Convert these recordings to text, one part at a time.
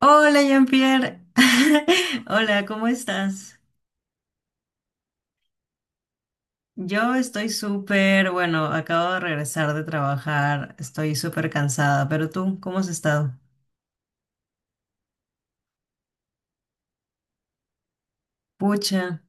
Hola, Jean-Pierre. Hola, ¿cómo estás? Yo estoy súper, bueno, acabo de regresar de trabajar, estoy súper cansada, pero tú, ¿cómo has estado? Pucha.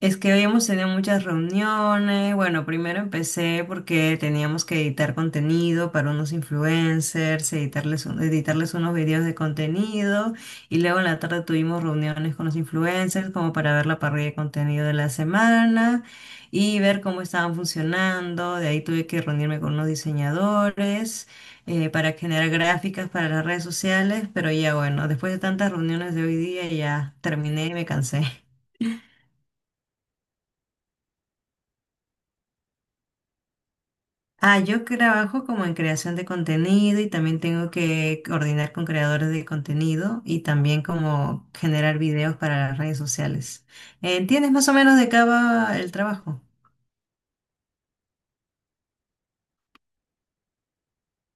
Es que hoy hemos tenido muchas reuniones. Bueno, primero empecé porque teníamos que editar contenido para unos influencers, editarles, editarles unos videos de contenido y luego en la tarde tuvimos reuniones con los influencers como para ver la parrilla de contenido de la semana y ver cómo estaban funcionando. De ahí tuve que reunirme con unos diseñadores para generar gráficas para las redes sociales, pero ya bueno, después de tantas reuniones de hoy día ya terminé y me cansé. Ah, yo trabajo como en creación de contenido y también tengo que coordinar con creadores de contenido y también como generar videos para las redes sociales. ¿Entiendes más o menos de qué va el trabajo?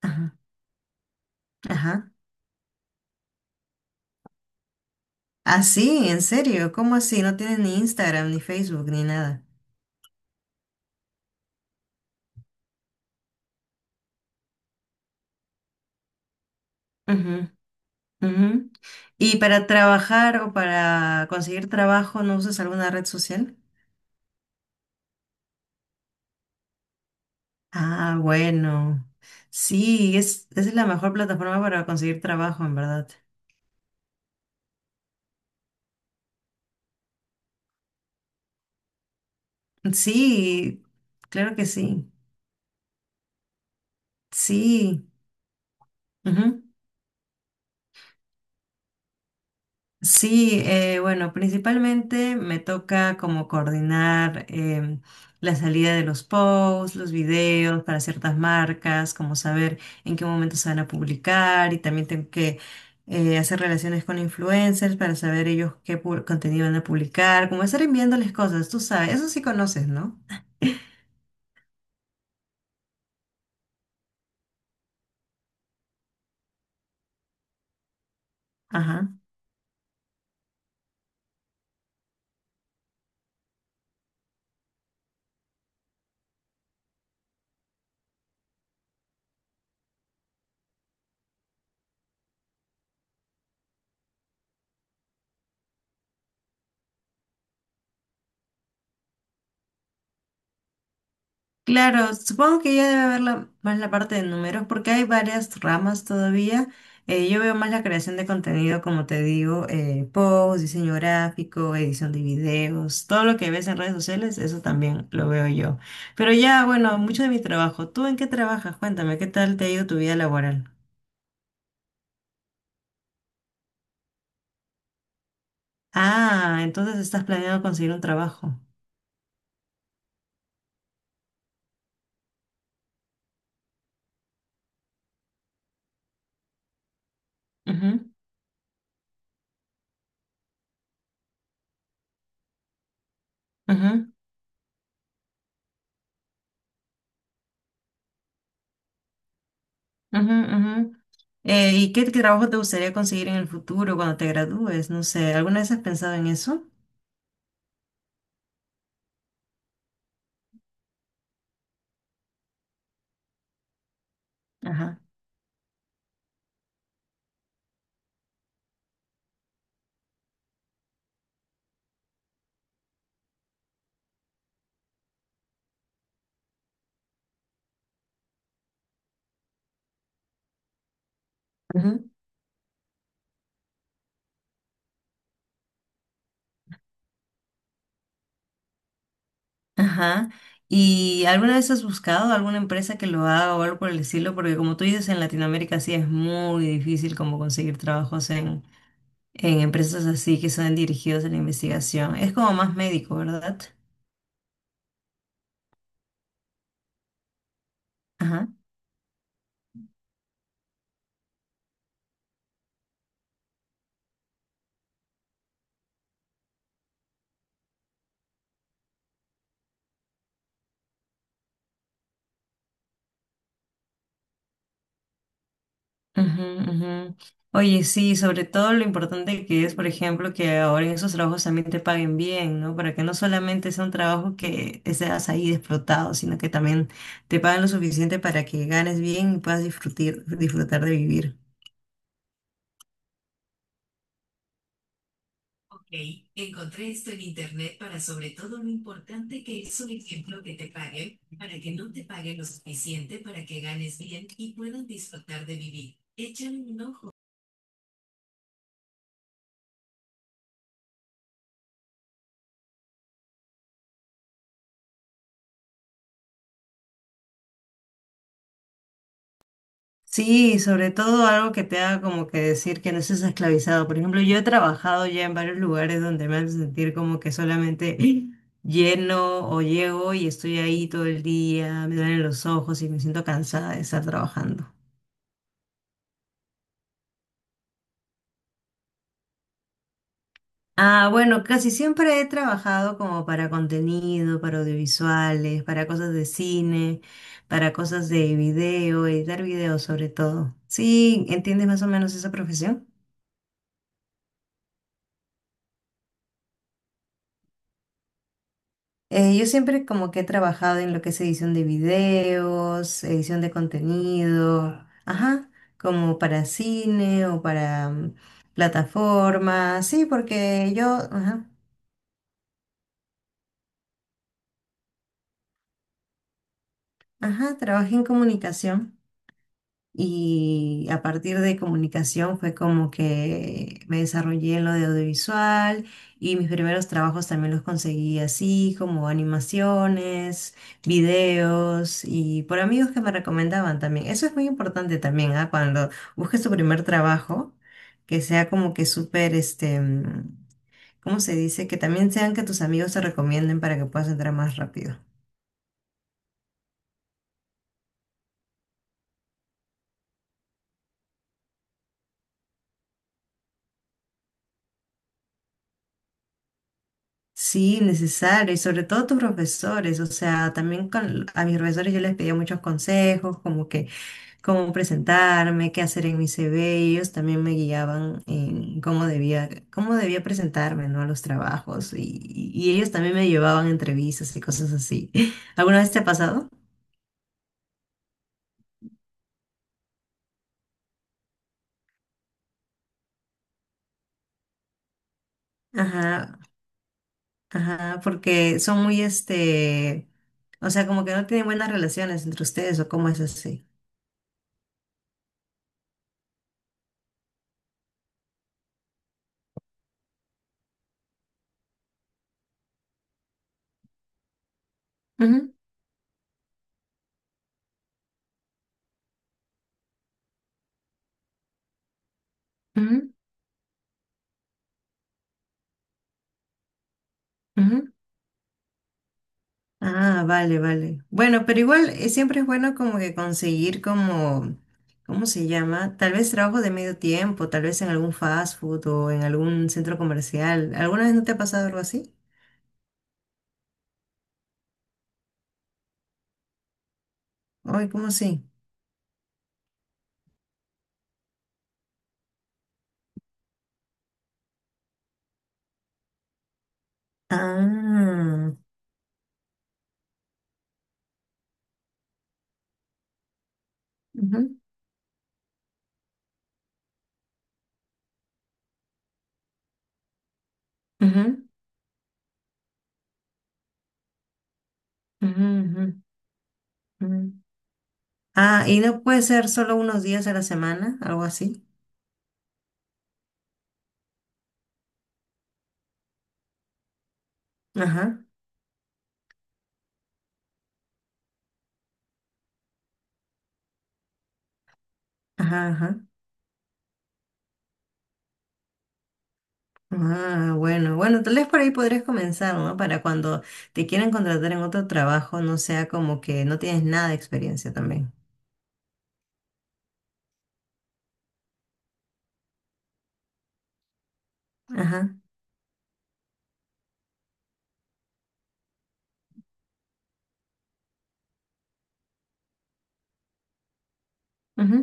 Ajá. Ajá. Ah, sí, en serio, ¿cómo así? No tienes ni Instagram, ni Facebook, ni nada. Ujú, ujú. ¿Y para trabajar o para conseguir trabajo no usas alguna red social? Ah, bueno. Sí, es la mejor plataforma para conseguir trabajo, en verdad. Sí, claro que sí. Sí. Ujú. Sí, bueno, principalmente me toca como coordinar la salida de los posts, los videos para ciertas marcas, como saber en qué momento se van a publicar y también tengo que hacer relaciones con influencers para saber ellos qué contenido van a publicar, como estar enviándoles cosas, tú sabes, eso sí conoces, ¿no? Ajá. Claro, supongo que ya debe haber más la parte de números porque hay varias ramas todavía. Yo veo más la creación de contenido, como te digo, post, diseño gráfico, edición de videos, todo lo que ves en redes sociales, eso también lo veo yo. Pero ya, bueno, mucho de mi trabajo. ¿Tú en qué trabajas? Cuéntame, ¿qué tal te ha ido tu vida laboral? Ah, entonces estás planeando conseguir un trabajo. Ujú, ujú. Ujú, ujú. ¿Y qué trabajo te gustaría conseguir en el futuro cuando te gradúes? No sé, ¿alguna vez has pensado en eso? Ajá. Ujú. Ajá. ¿Y alguna vez has buscado alguna empresa que lo haga o algo por el estilo? Porque como tú dices, en Latinoamérica sí es muy difícil como conseguir trabajos en empresas así que son dirigidos a la investigación. Es como más médico, ¿verdad? Ujú, ujú. Oye, sí, sobre todo lo importante que es, por ejemplo, que ahora en esos trabajos también te paguen bien, ¿no? Para que no solamente sea un trabajo que seas ahí explotado, sino que también te paguen lo suficiente para que ganes bien y puedas disfrutar, disfrutar de vivir. Sí, sobre todo algo que te haga como que decir que no estás esclavizado. Por ejemplo, yo he trabajado ya en varios lugares donde me hacen sentir como que solamente lleno o llego y estoy ahí todo el día, me duelen los ojos y me siento cansada de estar trabajando. Ah, bueno, casi siempre he trabajado como para contenido, para audiovisuales, para cosas de cine, para cosas de video, editar videos sobre todo. Sí, ¿entiendes más o menos esa profesión? Yo siempre como que he trabajado en lo que es edición de videos, edición de contenido, ajá, como para cine o para plataformas, sí, porque yo, ajá, ajá, trabajé en comunicación. Y a partir de comunicación fue como que me desarrollé en lo de audiovisual y mis primeros trabajos también los conseguí así, como animaciones, videos y por amigos que me recomendaban también. Eso es muy importante también, ¿ah? Cuando busques tu primer trabajo, que sea como que súper, este, ¿cómo se dice? Que también sean que tus amigos te recomienden para que puedas entrar más rápido. Sí, necesario, y sobre todo tus profesores, o sea, también con, a mis profesores yo les pedía muchos consejos, como que cómo presentarme, qué hacer en mi CV, y ellos también me guiaban en cómo debía presentarme, ¿no? A los trabajos, y, y ellos también me llevaban a entrevistas y cosas así. ¿Alguna vez te ha pasado? Ajá, ajá, porque son muy, este, o sea, como que no tienen buenas relaciones entre ustedes, ¿o cómo es así? Ujú, ujú, ujú. Ah, vale, vale. Bueno, pero igual siempre es bueno como que conseguir como, ¿cómo se llama? Tal vez trabajo de medio tiempo, tal vez en algún fast food o en algún centro comercial. ¿Alguna vez no te ha pasado algo así? Ay, ¿cómo así? Ah, ujú, ujú, ujú, ujú, ujú. Ah, y no puede ser solo unos días a la semana, algo así. Ajá, ajá, ajá. Ah, bueno, bueno, tal vez por ahí podrías comenzar, ¿no? Para cuando te quieran contratar en otro trabajo, no sea como que no tienes nada de experiencia también. Ajá. Ujú.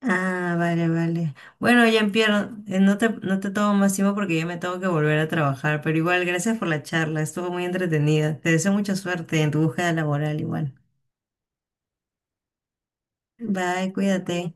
Ah, vale, vale. Bueno, Jean-Pierre, no te tomo más tiempo porque ya me tengo que volver a trabajar, pero igual, gracias por la charla, estuvo muy entretenida. Te deseo mucha suerte en tu búsqueda laboral igual. Bye, cuídate.